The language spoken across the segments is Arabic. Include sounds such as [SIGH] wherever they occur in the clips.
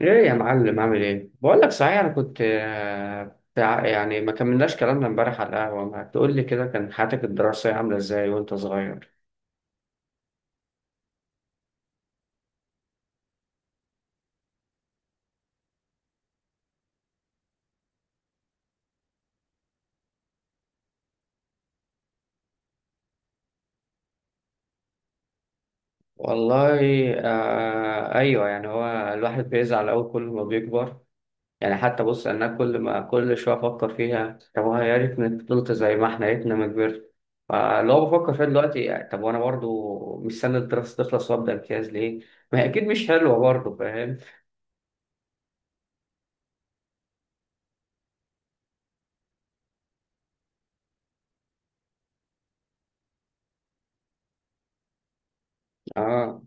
ايه يا معلم عامل ايه؟ بقول لك صحيح، انا كنت يعني ما كملناش كلامنا امبارح على القهوه. ما تقول لي كده كان حياتك الدراسيه عامله ازاي وانت صغير؟ والله آه ايوه، يعني هو الواحد بيزعل قوي كل ما بيكبر. يعني حتى بص انا كل ما كل شويه افكر فيها، طب هو يا ريتني فضلت زي ما احنا، يا ريتنا ما كبرت. فاللي هو بفكر فيها دلوقتي، يعني طب وانا برضو مستني الدراسه تخلص وابدا امتياز ليه؟ ما هي اكيد مش حلوه برضو، فاهم. اه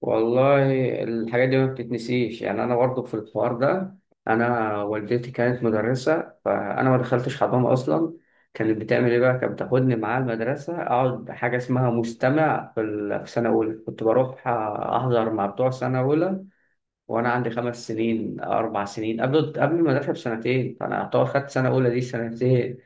والله الحاجات دي ما بتتنسيش. يعني انا برضه في الحوار ده، انا والدتي كانت مدرسه فانا ما دخلتش حضانه اصلا. كانت بتعمل ايه بقى؟ كانت بتاخدني معاها المدرسه اقعد حاجه اسمها مستمع في سنه اولى، كنت بروح احضر مع بتوع سنه اولى وانا عندي خمس سنين، اربع سنين، قبل المدرسه بسنتين. فانا اعتبر خدت سنه اولى دي سنتين.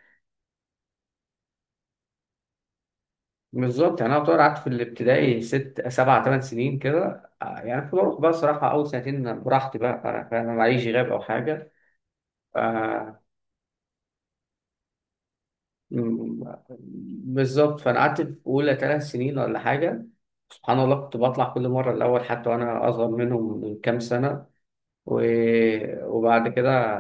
بالظبط، يعني انا طبعا قعدت في الابتدائي ست سبع ثمان سنين كده يعني كنت بروح بقى الصراحه. اول سنتين براحتي بقى، انا فاهم، معيش غياب او حاجه. آه، م- بالظبط، فانا قعدت في اولى ثلاث سنين ولا حاجه. سبحان الله كنت بطلع كل مره الاول، حتى وانا اصغر منهم من كام سنه. وبعد كده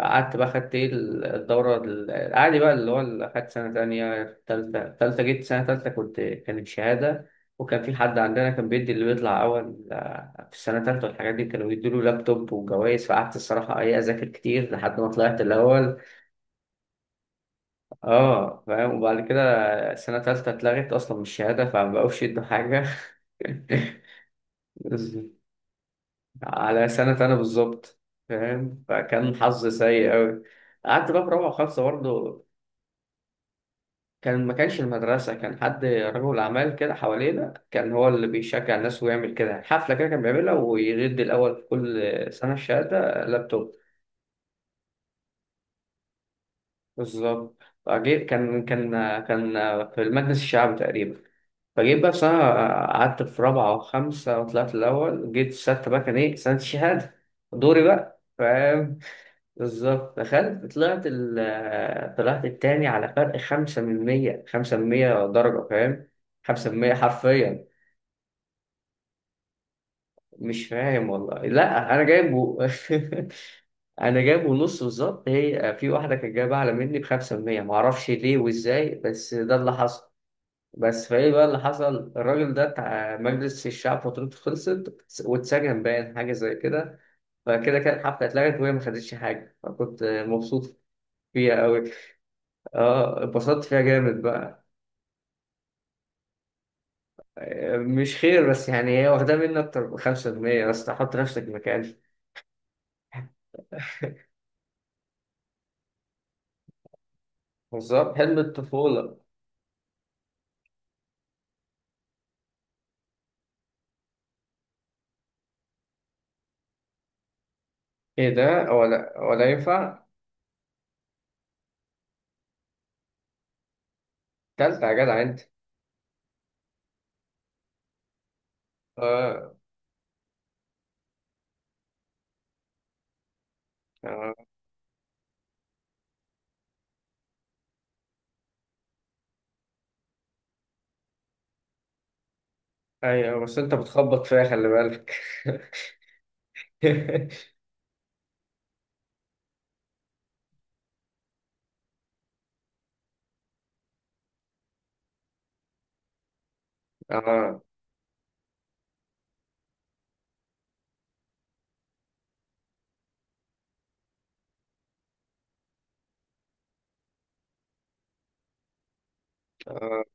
قعدت بقى، خدت ايه الدورة العادي بقى، اللي هو اللي خدت سنة تانية تالتة. تالتة جيت سنة تالتة كنت، كانت شهادة. وكان في حد عندنا كان بيدي اللي بيطلع أول في السنة التالتة، والحاجات دي كانوا بيدوله لابتوب وجوائز. فقعدت الصراحة ايه، أذاكر كتير لحد ما طلعت الأول. اه فاهم. وبعد كده السنة التالتة اتلغت أصلا من الشهادة فما بقوش يدوا حاجة. [LAUGHS] على سنة أنا بالظبط، فاهم، فكان حظ سيء أوي. قعدت بقى في رابعة وخمسة برضه. كان، ما كانش المدرسة، كان حد رجل أعمال كده حوالينا، كان هو اللي بيشجع الناس ويعمل كده. يعني حفلة كده كان بيعملها ويرد الأول في كل سنة الشهادة لابتوب. بالظبط، فجيت، كان في المجلس الشعبي تقريبا. فجيت بقى في سنة، قعدت في رابعة وخمسة وطلعت الأول. جيت في ستة بقى كان إيه سنة الشهادة، دوري بقى، فاهم. بالظبط، دخلت طلعت ال، طلعت التاني على فرق خمسة من مية. خمسة من مية درجة، فاهم، خمسة من مية حرفيا. مش فاهم والله، لا أنا جايبه. [LAUGHS] أنا جايبه نص بالظبط، هي في واحدة كانت جايبة أعلى مني بخمسة من مية، معرفش ليه وإزاي، بس ده اللي حصل. بس فإيه بقى اللي حصل، الراجل ده بتاع مجلس الشعب فترته خلصت واتسجن، باين حاجة زي كده. فكده كانت الحفلة اتلغت وهي ما خدتش حاجة، فكنت مبسوط فيها أوي. اه اتبسطت فيها جامد بقى. مش خير بس، يعني هي واخدة مني أكتر بخمسة جنيه بس، حط نفسك مكاني. بالظبط، حلم الطفولة. إيه ده، ولا ينفع. تالتة يا جدع أنت. اه. اه أيوه، بس أنت بتخبط فيها خلي بالك. [LAUGHS] اه. اه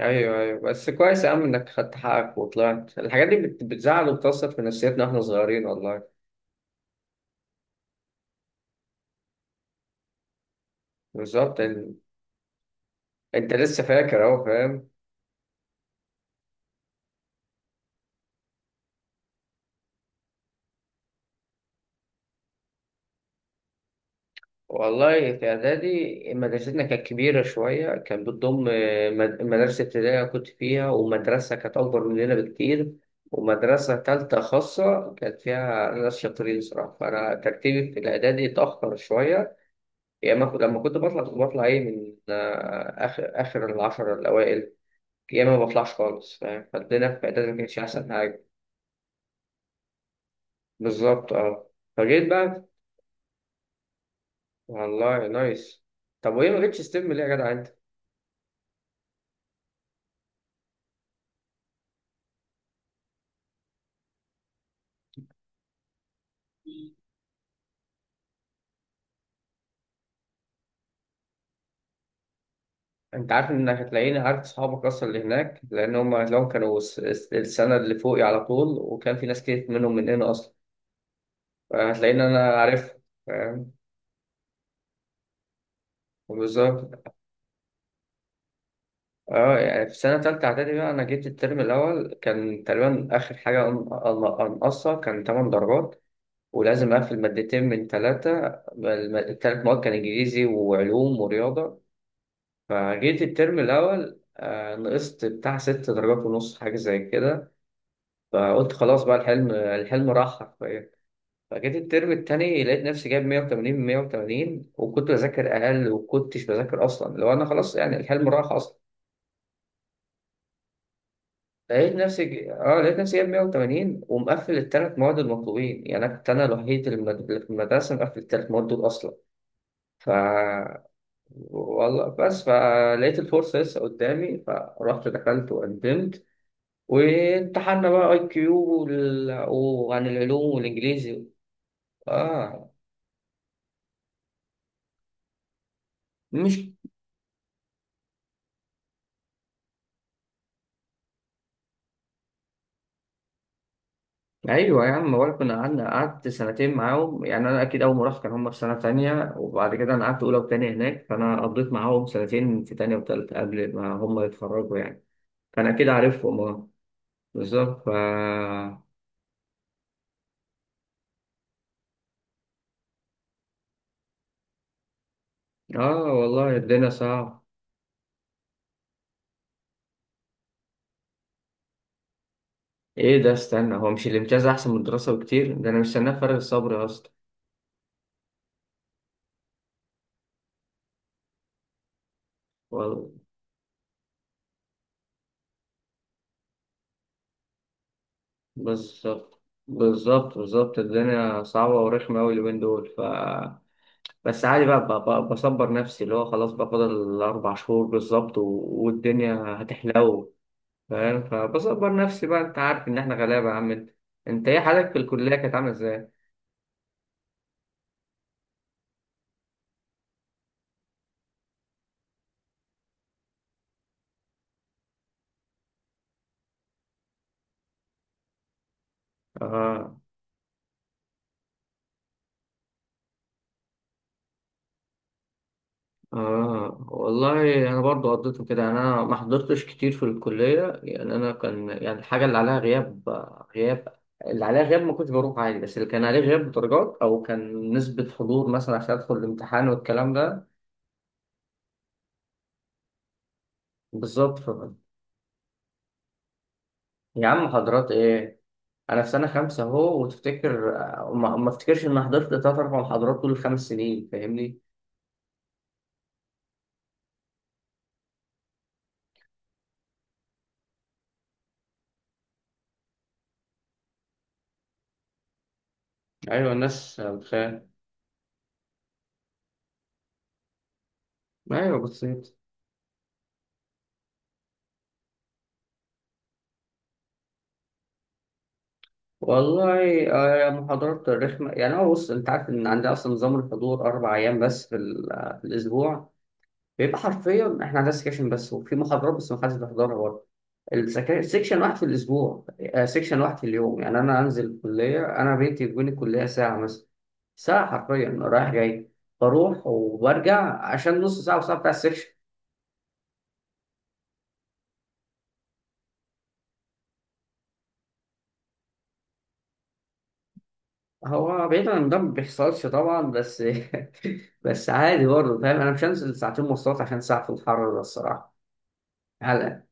أيوه أيوه، بس كويس يا عم إنك خدت حقك وطلعت. الحاجات دي بتزعل وبتأثر في نفسيتنا إحنا صغيرين والله. بالظبط، إن-، أنت لسه فاكر أهو، فاهم. والله في إعدادي مدرستنا كانت كبيرة شوية، كانت بتضم مدرسة ابتدائية كنت فيها، ومدرسة كانت أكبر مننا بكتير، ومدرسة تالتة خاصة كانت فيها ناس شاطرين صراحة. فأنا ترتيبي في الإعدادي اتأخر شوية. يا إما لما كنت بطلع كنت بطلع إيه من آخر العشرة الأوائل، يا إما ما بطلعش خالص، فاهم. فالدنيا في إعدادي ما كانتش أحسن حاجة. بالظبط أه. فجيت بقى، والله نايس. طب وإيه ما جبتش ستيم ليه يا جدع أنت؟ انت عارف انك هتلاقيني عارف اصحابك اصلا اللي هناك، لان هم هتلاقيهم كانوا السنه اللي فوقي على طول، وكان في ناس كتير منهم من هنا اصلا. فهتلاقيني انا عارف، فاهم. بالظبط. اه يعني في سنه تالته اعدادي بقى انا جيت الترم الاول كان تقريبا اخر حاجه انقصها كان 8 درجات، ولازم اقفل مادتين من ثلاثه. الثلاث مواد كان انجليزي وعلوم ورياضه. فجيت الترم الاول نقصت بتاع ست درجات ونص حاجه زي كده. فقلت خلاص بقى، الحلم راح حرفيا. فجيت الترم التاني لقيت نفسي جايب 180 من 180، وكنت بذاكر أقل وكنتش بذاكر أصلا، لو أنا خلاص، يعني الحلم راح أصلا. لقيت نفسي لقيت نفسي جايب 180 ومقفل التلات مواد المطلوبين. يعني أنا كنت أنا الوحيد اللي في المدرسة مقفل التلات مواد دول أصلا. ف والله، بس فلقيت الفرصة لسه قدامي، فرحت دخلت وقدمت وامتحنا بقى اي كيو وال... وعن العلوم والانجليزي. اه مش. ايوه يا عم بقول كنا قعدنا، قعدت سنتين معاهم. يعني انا اكيد اول ما رحت كان هم في سنه تانية، وبعد كده انا قعدت اولى وتانية هناك، فانا قضيت معاهم سنتين في تانية وتالتة قبل ما هم يتخرجوا يعني. فانا اكيد عارفهم اه. بالظبط ف. اه والله الدنيا صعب. ايه ده، استنى، هو مش الامتياز احسن من الدراسه بكتير؟ ده انا مستناه بفارغ الصبر يا اسطى. وال-، بالظبط بالظبط الدنيا صعبه ورخمه قوي اليومين دول. ف بس عادي بقى، بصبر نفسي اللي هو خلاص بقى، فاضل الأربع شهور بالظبط، والدنيا هتحلو، فاهم. فبصبر نفسي بقى، أنت عارف إن إحنا غلابة يا عم أنت. أنت إيه حالك في الكلية؟ كانت عاملة إزاي؟ آه. آه والله أنا برضو قضيته كده، يعني أنا ما حضرتش كتير في الكلية. يعني أنا كان، يعني الحاجة اللي عليها غياب، غياب اللي عليها غياب ما كنتش بروح عادي، بس اللي كان عليه غياب درجات أو كان نسبة حضور مثلا عشان أدخل الامتحان والكلام ده. بالظبط ف-. يا عم محاضرات إيه، انا في سنه خمسه اهو وتفتكر ما افتكرش اني حضرت ثلاث اربع محاضرات طول الخمس سنين، فاهمني. ايوه الناس بتخيل. ايوه بسيط. والله محاضرات رخمه. يعني هو بص، انت عارف ان عندنا اصلا نظام الحضور اربع ايام بس في, ال- آه، في الاسبوع، بيبقى حرفيا احنا عندنا سكشن بس وفي محاضرات بس ما حدش بيحضرها برضه. سكشن واحد في الاسبوع، سكشن واحد في اليوم. يعني انا انزل الكليه، انا بيتي بين الكليه ساعه مثلا، ساعه حرفيا رايح جاي، بروح وبرجع عشان نص ساعه وساعه بتاع السكشن. هو بعيدا عن ده ما بيحصلش طبعا، بس [LAUGHS] بس عادي برضه فاهم. انا مش هنزل ساعتين مواصلات عشان ساعه في الحر ده الصراحه. هلا.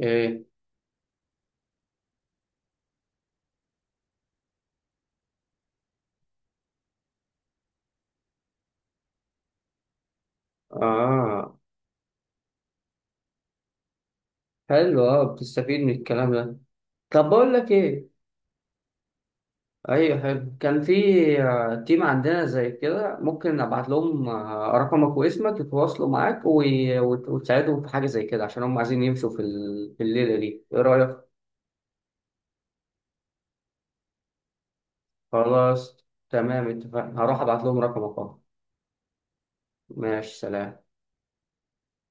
ايه. اه حلو اه، بتستفيد من الكلام ده. طب بقول لك ايه. ايوه حلو، كان في تيم عندنا زي كده، ممكن ابعت لهم رقمك واسمك يتواصلوا معاك وتساعدهم في حاجه زي كده، عشان هم عايزين يمشوا في الليله دي، ايه رايك؟ خلاص تمام اتفقنا، هروح ابعت لهم رقمك اهو. ماشي سلام.